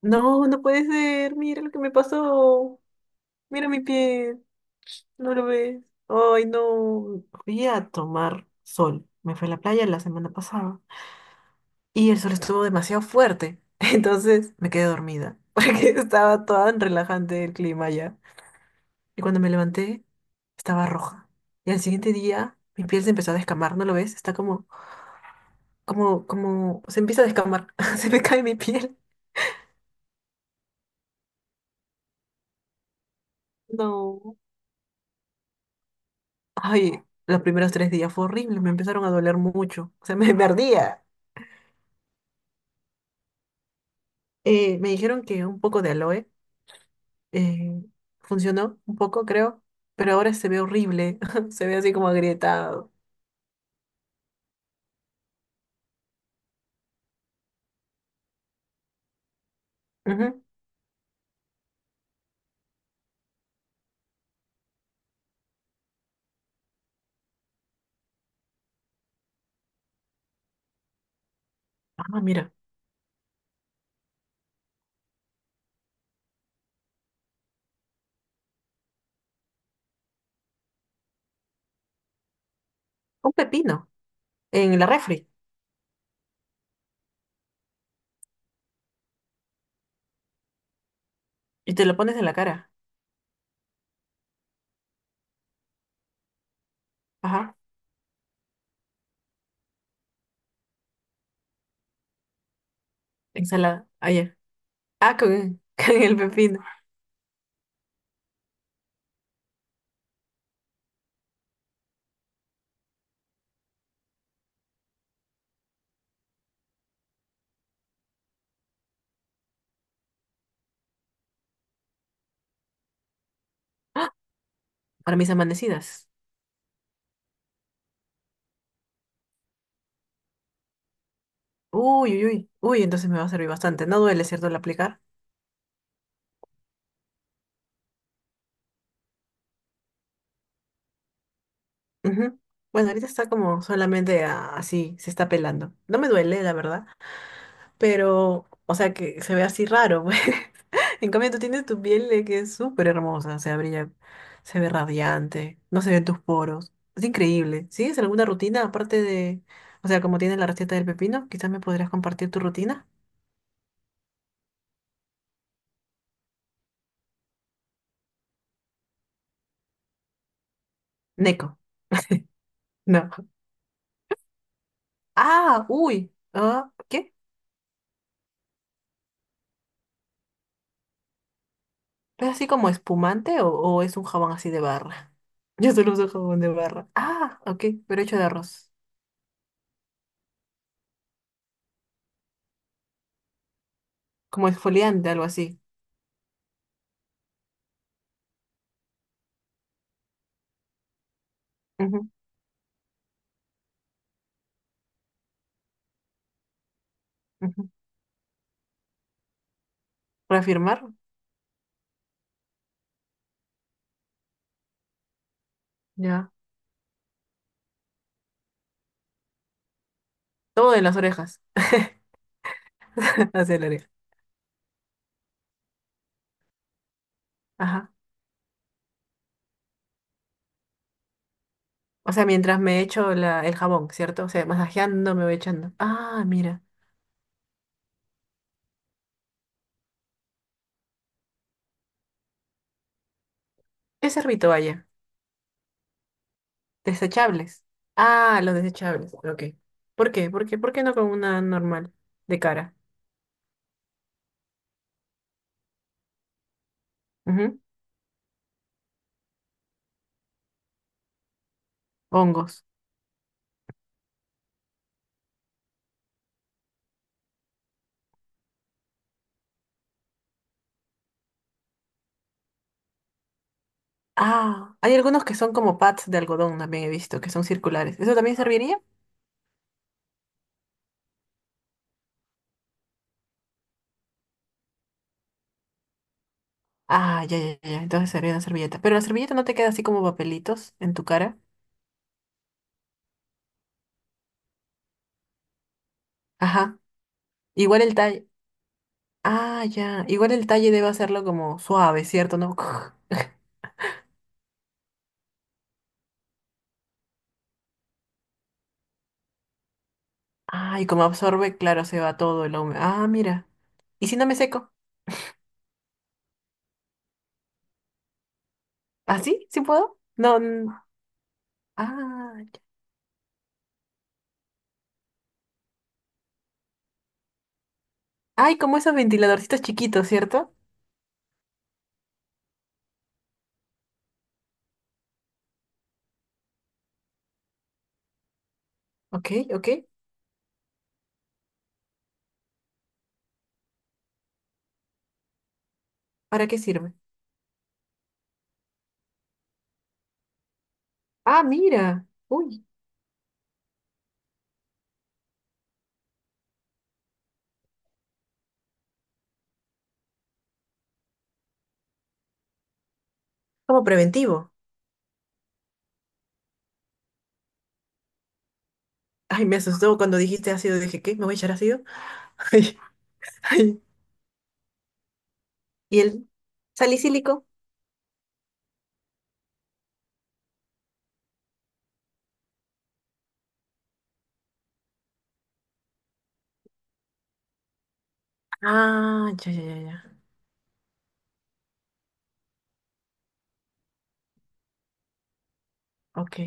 No, no puede ser. Mira lo que me pasó. Mira mi pie. No lo ves. Ay, no. Fui a tomar sol. Me fui a la playa la semana pasada. Y el sol estuvo demasiado fuerte. Entonces me quedé dormida. Porque estaba tan relajante el clima ya. Y cuando me levanté, estaba roja. Y al siguiente día, mi piel se empezó a descamar. ¿No lo ves? Está como, se empieza a descamar. Se me cae mi piel. No. Ay, los primeros 3 días fue horrible, me empezaron a doler mucho, o sea, me ardía. Me dijeron que un poco de aloe eh, funcionó un poco, creo, pero ahora se ve horrible, se ve así como agrietado. Ujú. Ah, mira, un pepino en la refri y te lo pones en la cara. Ajá, ensalada, ayer. Ah, con, con el pepino para mis amanecidas. Uy, uy, uy, uy, entonces me va a servir bastante. No duele, ¿cierto, al aplicar? Ujú. Bueno, ahorita está como solamente así, se está pelando. No me duele, la verdad, pero, o sea, que se ve así raro, pues. En cambio, tú tienes tu piel de que es súper hermosa, o sea, brilla, se ve radiante, no se ven tus poros. Es increíble. ¿Sigues alguna rutina aparte de, o sea, como tienes la receta del pepino, quizás me podrías compartir tu rutina? Neko. No. Ah, uy. Ah, ¿qué? ¿Es así como espumante o es un jabón así de barra? Yo solo uso jabón de barra. Ah, ok, pero hecho de arroz. Como exfoliante, algo así. Ujú, ujú. ¿Reafirmar? Ya. Todo en las orejas. Hacia la oreja. Ajá. O sea, mientras me echo la, el jabón, ¿cierto? O sea, masajeando me voy echando. Ah, mira. ¿Qué servito vaya? Desechables. Ah, los desechables. Ok. ¿Por qué? ¿Por qué? ¿Por qué no con una normal de cara? Ujú. Hongos. Ah, hay algunos que son como pads de algodón, también he visto, que son circulares. ¿Eso también serviría? Ah, ya, ya, ya, ya. Entonces serviría una servilleta. Pero la servilleta no te queda así como papelitos en tu cara. Ajá. Igual el talle. Ah, ya. Igual el talle debe hacerlo como suave, ¿cierto? ¿No? Ah, y como absorbe, claro, se va todo el hombre. Ah, mira. ¿Y si no me seco? ¿Ah, sí? ¿Sí puedo? No. Ah, ya. Ay, como esos ventiladorcitos chiquitos, ¿cierto? Ok, ok. ¿Para qué sirve? Ah, mira. Uy, como preventivo. Ay, me asustó cuando dijiste ácido. Dije, ¿qué? ¿Me voy a echar ácido? Ay, ay. Y el salicílico. Ah, ya, ya, ya, ya. Ok.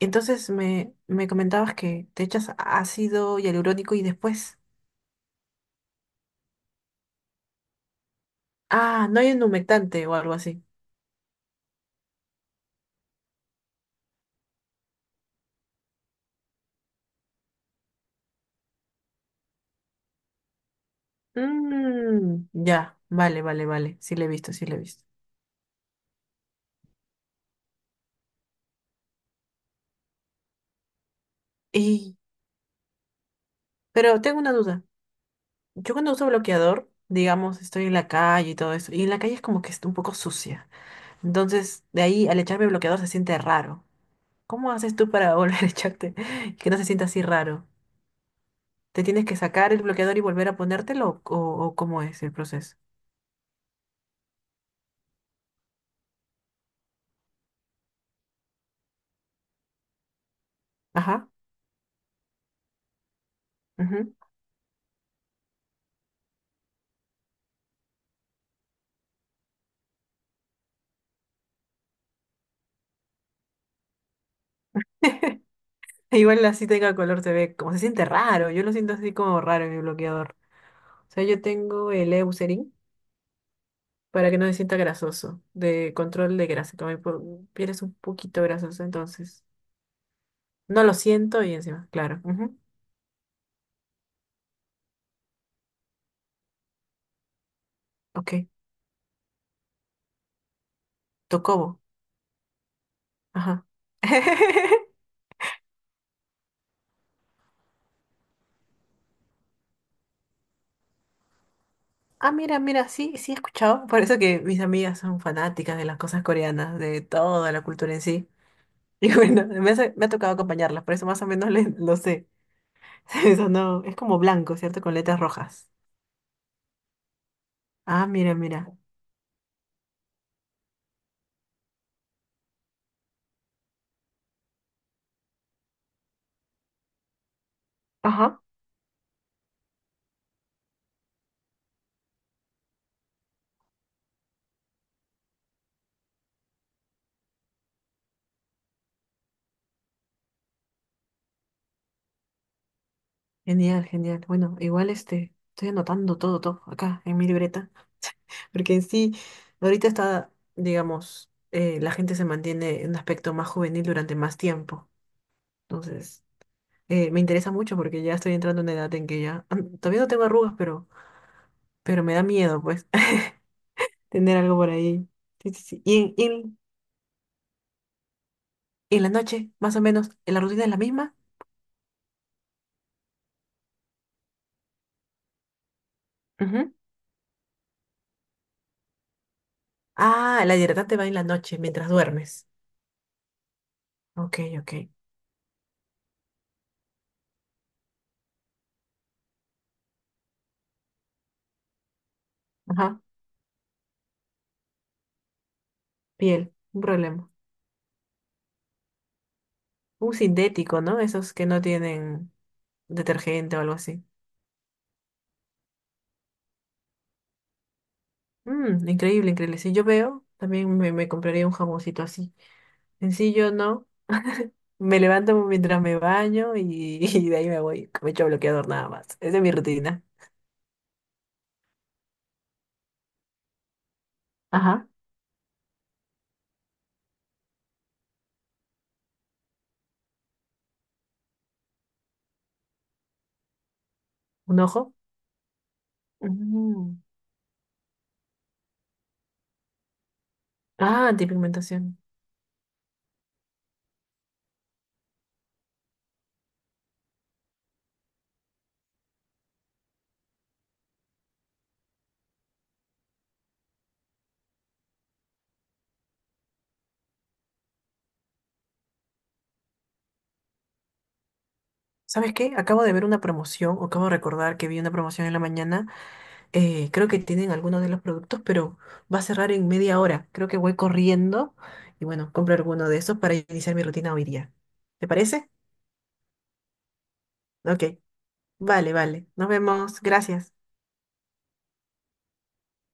Entonces me comentabas que te echas ácido hialurónico y después. Ah, no hay un humectante o algo así. Mmm, ya, vale, vale, vale. Sí le he visto, sí le he visto. Y, pero tengo una duda. Yo cuando uso bloqueador, digamos, estoy en la calle y todo eso, y en la calle es como que está un poco sucia. Entonces, de ahí al echarme bloqueador se siente raro. ¿Cómo haces tú para volver a echarte y que no se sienta así raro? ¿Te tienes que sacar el bloqueador y volver a ponértelo o cómo es el proceso? Ajá. Ujú. Igual así tenga color se ve como se siente raro. Yo lo siento así como raro en mi bloqueador. O sea, yo tengo el Eucerin para que no se sienta grasoso, de control de grasa. Como mi piel es un poquito grasosa, entonces no lo siento y encima, claro. Ujú. Ok, Tocobo. Ajá. Ah, mira, mira, sí, sí he escuchado. Por eso que mis amigas son fanáticas de las cosas coreanas, de toda la cultura en sí. Y bueno, me, me ha tocado acompañarlas, por eso más o menos lo sé. Eso no, es como blanco, ¿cierto? Con letras rojas. Ah, mira, mira. Ajá. Genial, genial. Bueno, igual este, estoy anotando todo, todo acá en mi libreta. Porque en sí, ahorita está, digamos, la gente se mantiene en un aspecto más juvenil durante más tiempo. Entonces, me interesa mucho porque ya estoy entrando en una edad en que ya, todavía no tengo arrugas, pero me da miedo, pues, tener algo por ahí. Sí, sí, sí. Y en la noche, más o menos, ¿la rutina es la misma? Ujú. Ah, la hidratante va en la noche, mientras duermes. Ok, ok. Ajá, piel, un problema. Un sintético, ¿no? Esos que no tienen detergente o algo así. Mm, increíble, increíble. Si yo veo, también me compraría un jaboncito así. Sencillo, ¿no? Me levanto mientras me baño y, y de ahí me voy. Me echo bloqueador nada más. Esa es mi rutina. Ajá. ¿Un ojo? Mm. Ah, antipigmentación. ¿Sabes qué? Acabo de ver una promoción, o acabo de recordar que vi una promoción en la mañana. Creo que tienen algunos de los productos, pero va a cerrar en 1/2 hora. Creo que voy corriendo y bueno, compro alguno de esos para iniciar mi rutina hoy día. ¿Te parece? Ok. Vale, vale. Nos vemos. Gracias.